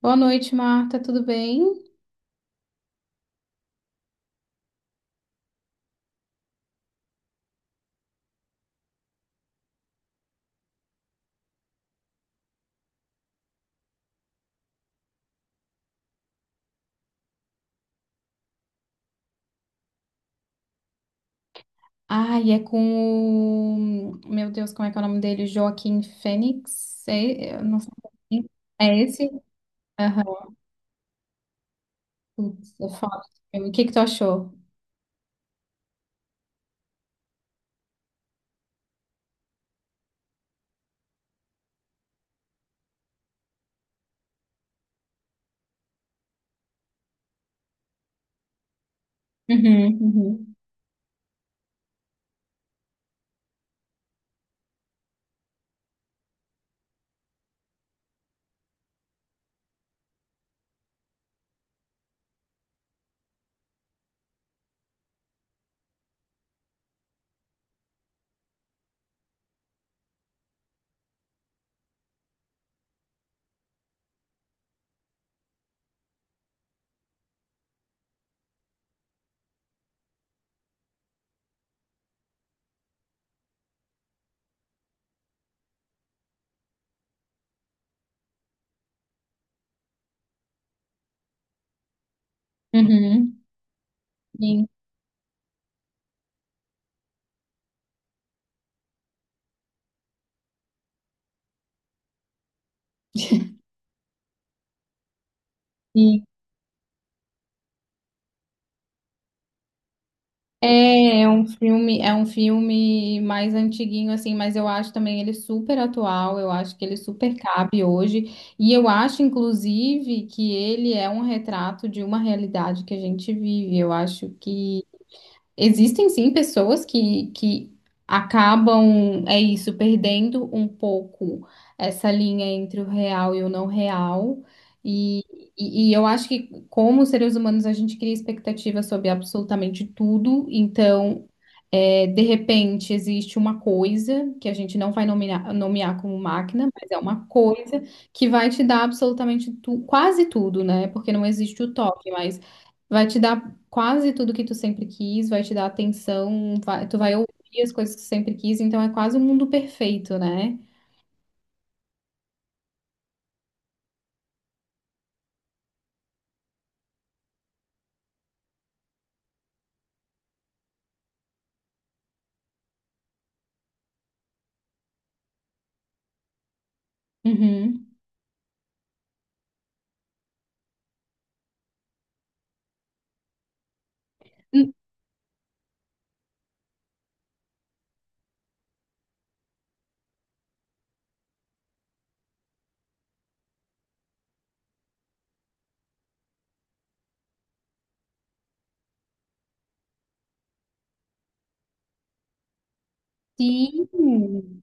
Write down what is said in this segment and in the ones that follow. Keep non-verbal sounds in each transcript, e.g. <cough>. Boa noite, Marta, tudo bem? Ai, é com o... Meu Deus, como é que é o nome dele? Joaquim Fênix? É, eu não sei. É esse? Aham. Putz, é foda. O que que tu achou? Uhum, uhum, uhum. Sim. <laughs> É, é um filme mais antiguinho assim, mas eu acho também ele super atual, eu acho que ele super cabe hoje, e eu acho inclusive que ele é um retrato de uma realidade que a gente vive. Eu acho que existem sim pessoas que acabam, é isso, perdendo um pouco essa linha entre o real e o não real. E, e eu acho que, como seres humanos, a gente cria expectativa sobre absolutamente tudo. Então, é, de repente, existe uma coisa que a gente não vai nomear, nomear como máquina, mas é uma coisa que vai te dar absolutamente tu, quase tudo, né? Porque não existe o toque, mas vai te dar quase tudo que tu sempre quis, vai te dar atenção, vai- tu vai ouvir as coisas que tu sempre quis, então é quase um mundo perfeito, né? Uhum. Sim.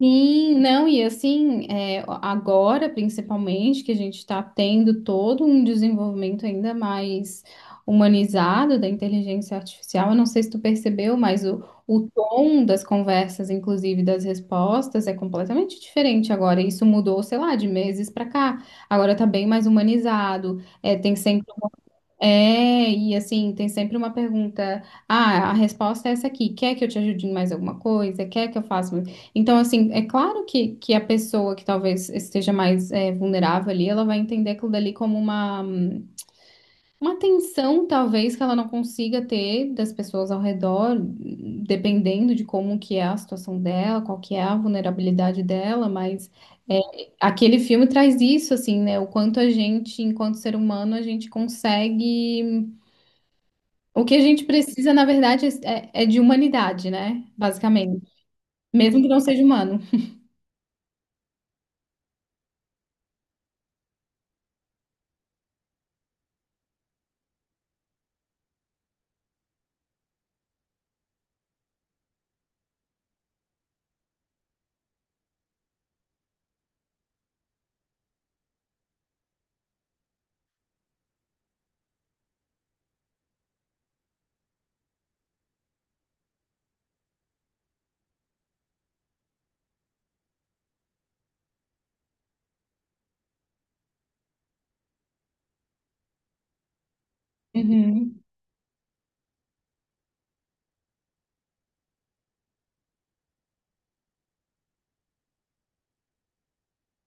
Sim, não, e assim, é, agora principalmente que a gente está tendo todo um desenvolvimento ainda mais humanizado da inteligência artificial, eu não sei se tu percebeu, mas o tom das conversas, inclusive das respostas, é completamente diferente agora. Isso mudou, sei lá, de meses para cá. Agora tá bem mais humanizado, é, tem sempre é, e assim, tem sempre uma pergunta. Ah, a resposta é essa aqui. Quer que eu te ajude em mais alguma coisa? Quer que eu faça? Mais- então, assim, é claro que a pessoa que talvez esteja mais é, vulnerável ali, ela vai entender aquilo dali como uma atenção, talvez, que ela não consiga ter das pessoas ao redor, dependendo de como que é a situação dela, qual que é a vulnerabilidade dela, mas. É, aquele filme traz isso, assim, né? O quanto a gente, enquanto ser humano, a gente consegue. O que a gente precisa, na verdade, é, é de humanidade, né? Basicamente. Mesmo que não seja humano. Uhum.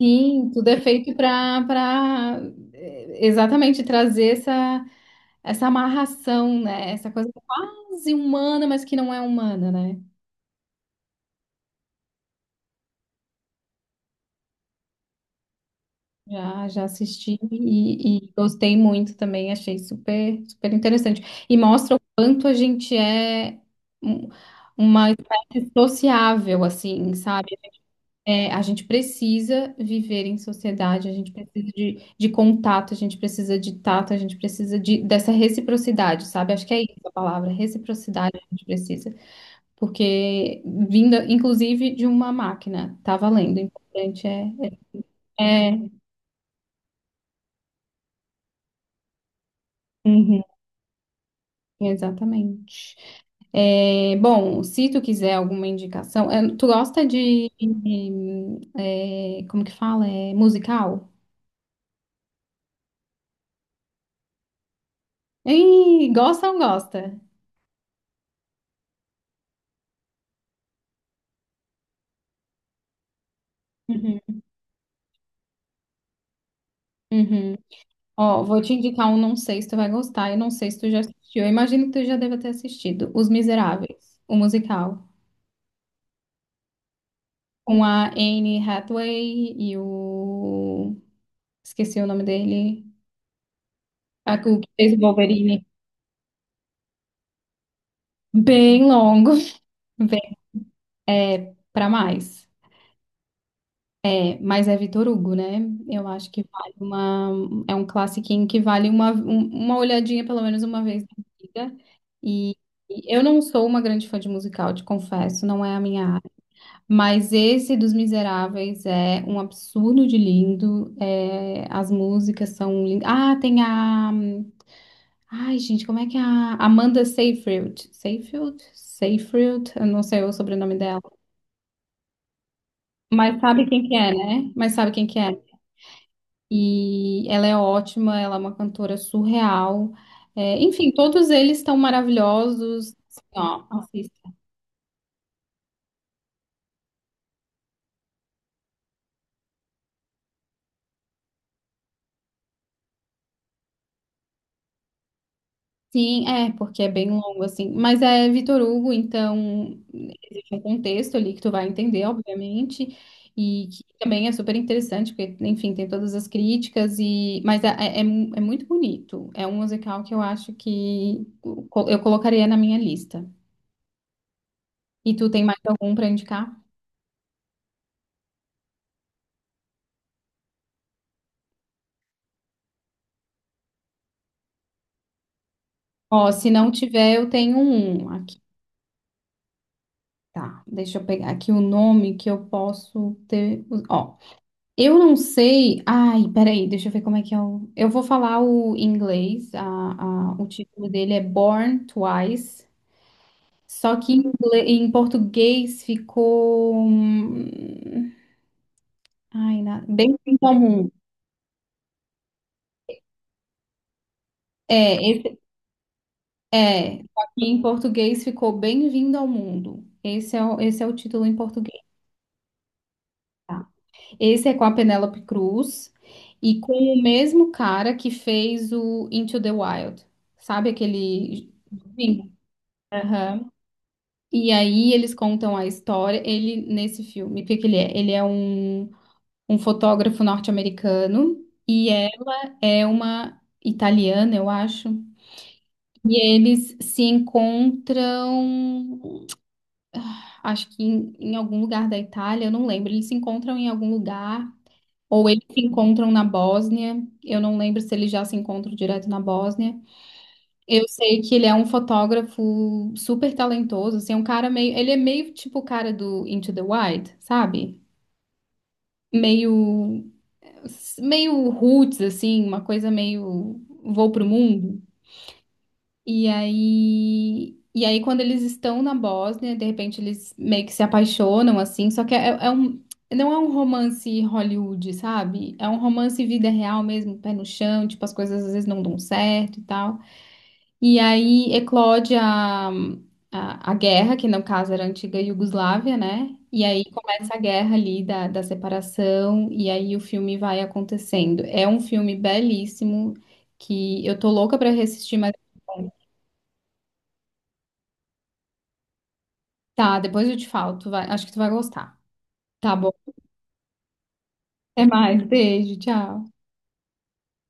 Sim, tudo é feito para para exatamente trazer essa, essa amarração, né? Essa coisa quase humana, mas que não é humana, né? Já, já assisti e gostei muito também, achei super, super interessante. E mostra o quanto a gente é um- uma espécie sociável, assim, sabe? É, a gente precisa viver em sociedade, a gente precisa de contato, a gente precisa de tato, a gente precisa de, dessa reciprocidade, sabe? Acho que é isso a palavra, reciprocidade a gente precisa. Porque vindo, inclusive, de uma máquina, tá valendo, o importante é... é, é- Uhum, exatamente. É, bom, se tu quiser alguma indicação, é, tu gosta de... é, como que fala? É, musical? Ih, gosta ou não gosta? Uhum. Uhum. Ó, vou te indicar um, não sei se tu vai gostar, e não sei se tu já assistiu. Eu imagino que tu já deva ter assistido. Os Miseráveis, o musical. Com a Anne Hathaway e o... Esqueci o nome dele. A, que o que fez o Wolverine. Bem longo. <laughs> Bem, é, pra mais. É, mas é Vitor Hugo, né? Eu acho que vale uma... É um classiquinho que vale uma, um- uma olhadinha pelo menos uma vez na vida. E... e eu não sou uma grande fã de musical, te confesso, não é a minha área. Mas esse dos Miseráveis é um absurdo de lindo. É, as músicas são lindas. Ah, tem a. Ai, gente, como é que é a Amanda Seyfried? Seyfried? Seyfried? Eu não sei o sobrenome dela. Mas sabe quem que é, né? Mas sabe quem que é. E ela é ótima, ela é uma cantora surreal. É, enfim, todos eles estão maravilhosos. Assim, ó, assistam. Sim, é, porque é bem longo, assim. Mas é Vitor Hugo, então existe um contexto ali que tu vai entender, obviamente, e que também é super interessante, porque, enfim, tem todas as críticas, e mas é, é, é mu- é muito bonito. É um musical que eu acho que co- eu colocaria na minha lista. E tu tem mais algum para indicar? Ó, se não tiver, eu tenho um aqui. Tá, deixa eu pegar aqui o nome que eu posso ter. Ó, eu não sei. Ai, peraí, deixa eu ver como é que é o. Eu vou falar o em inglês. A- o título dele é Born Twice. Só que em, ingle- em português ficou. Ai, na... Bem-vindo ao mundo. É, esse... é. Só que em português ficou Bem-vindo ao mundo. Esse é o título em português, tá? Esse é com a Penélope Cruz e com o mesmo cara que fez o Into the Wild. Sabe aquele. Aham. E aí eles contam a história, ele nesse filme, o que que ele é? Ele é um, um fotógrafo norte-americano e ela é uma italiana, eu acho. E eles se encontram, acho que em, em algum lugar da Itália, eu não lembro. Eles se encontram em algum lugar, ou eles se encontram na Bósnia, eu não lembro se eles já se encontram direto na Bósnia. Eu sei que ele é um fotógrafo super talentoso, assim, é um cara meio, ele é meio tipo o cara do Into the Wild, sabe? Meio meio roots assim, uma coisa meio vou pro mundo. E aí quando eles estão na Bósnia, de repente eles meio que se apaixonam assim, só que é, é um não é um romance Hollywood, sabe? É um romance vida real mesmo, pé no chão, tipo as coisas às vezes não dão certo e tal. E aí eclode a guerra, que no caso era a antiga Iugoslávia, né? E aí começa a guerra ali da separação, e aí o filme vai acontecendo. É um filme belíssimo que eu tô louca pra reassistir, mas tá, depois eu te falo, tu vai, acho que tu vai gostar. Tá bom. Até mais, beijo, tchau.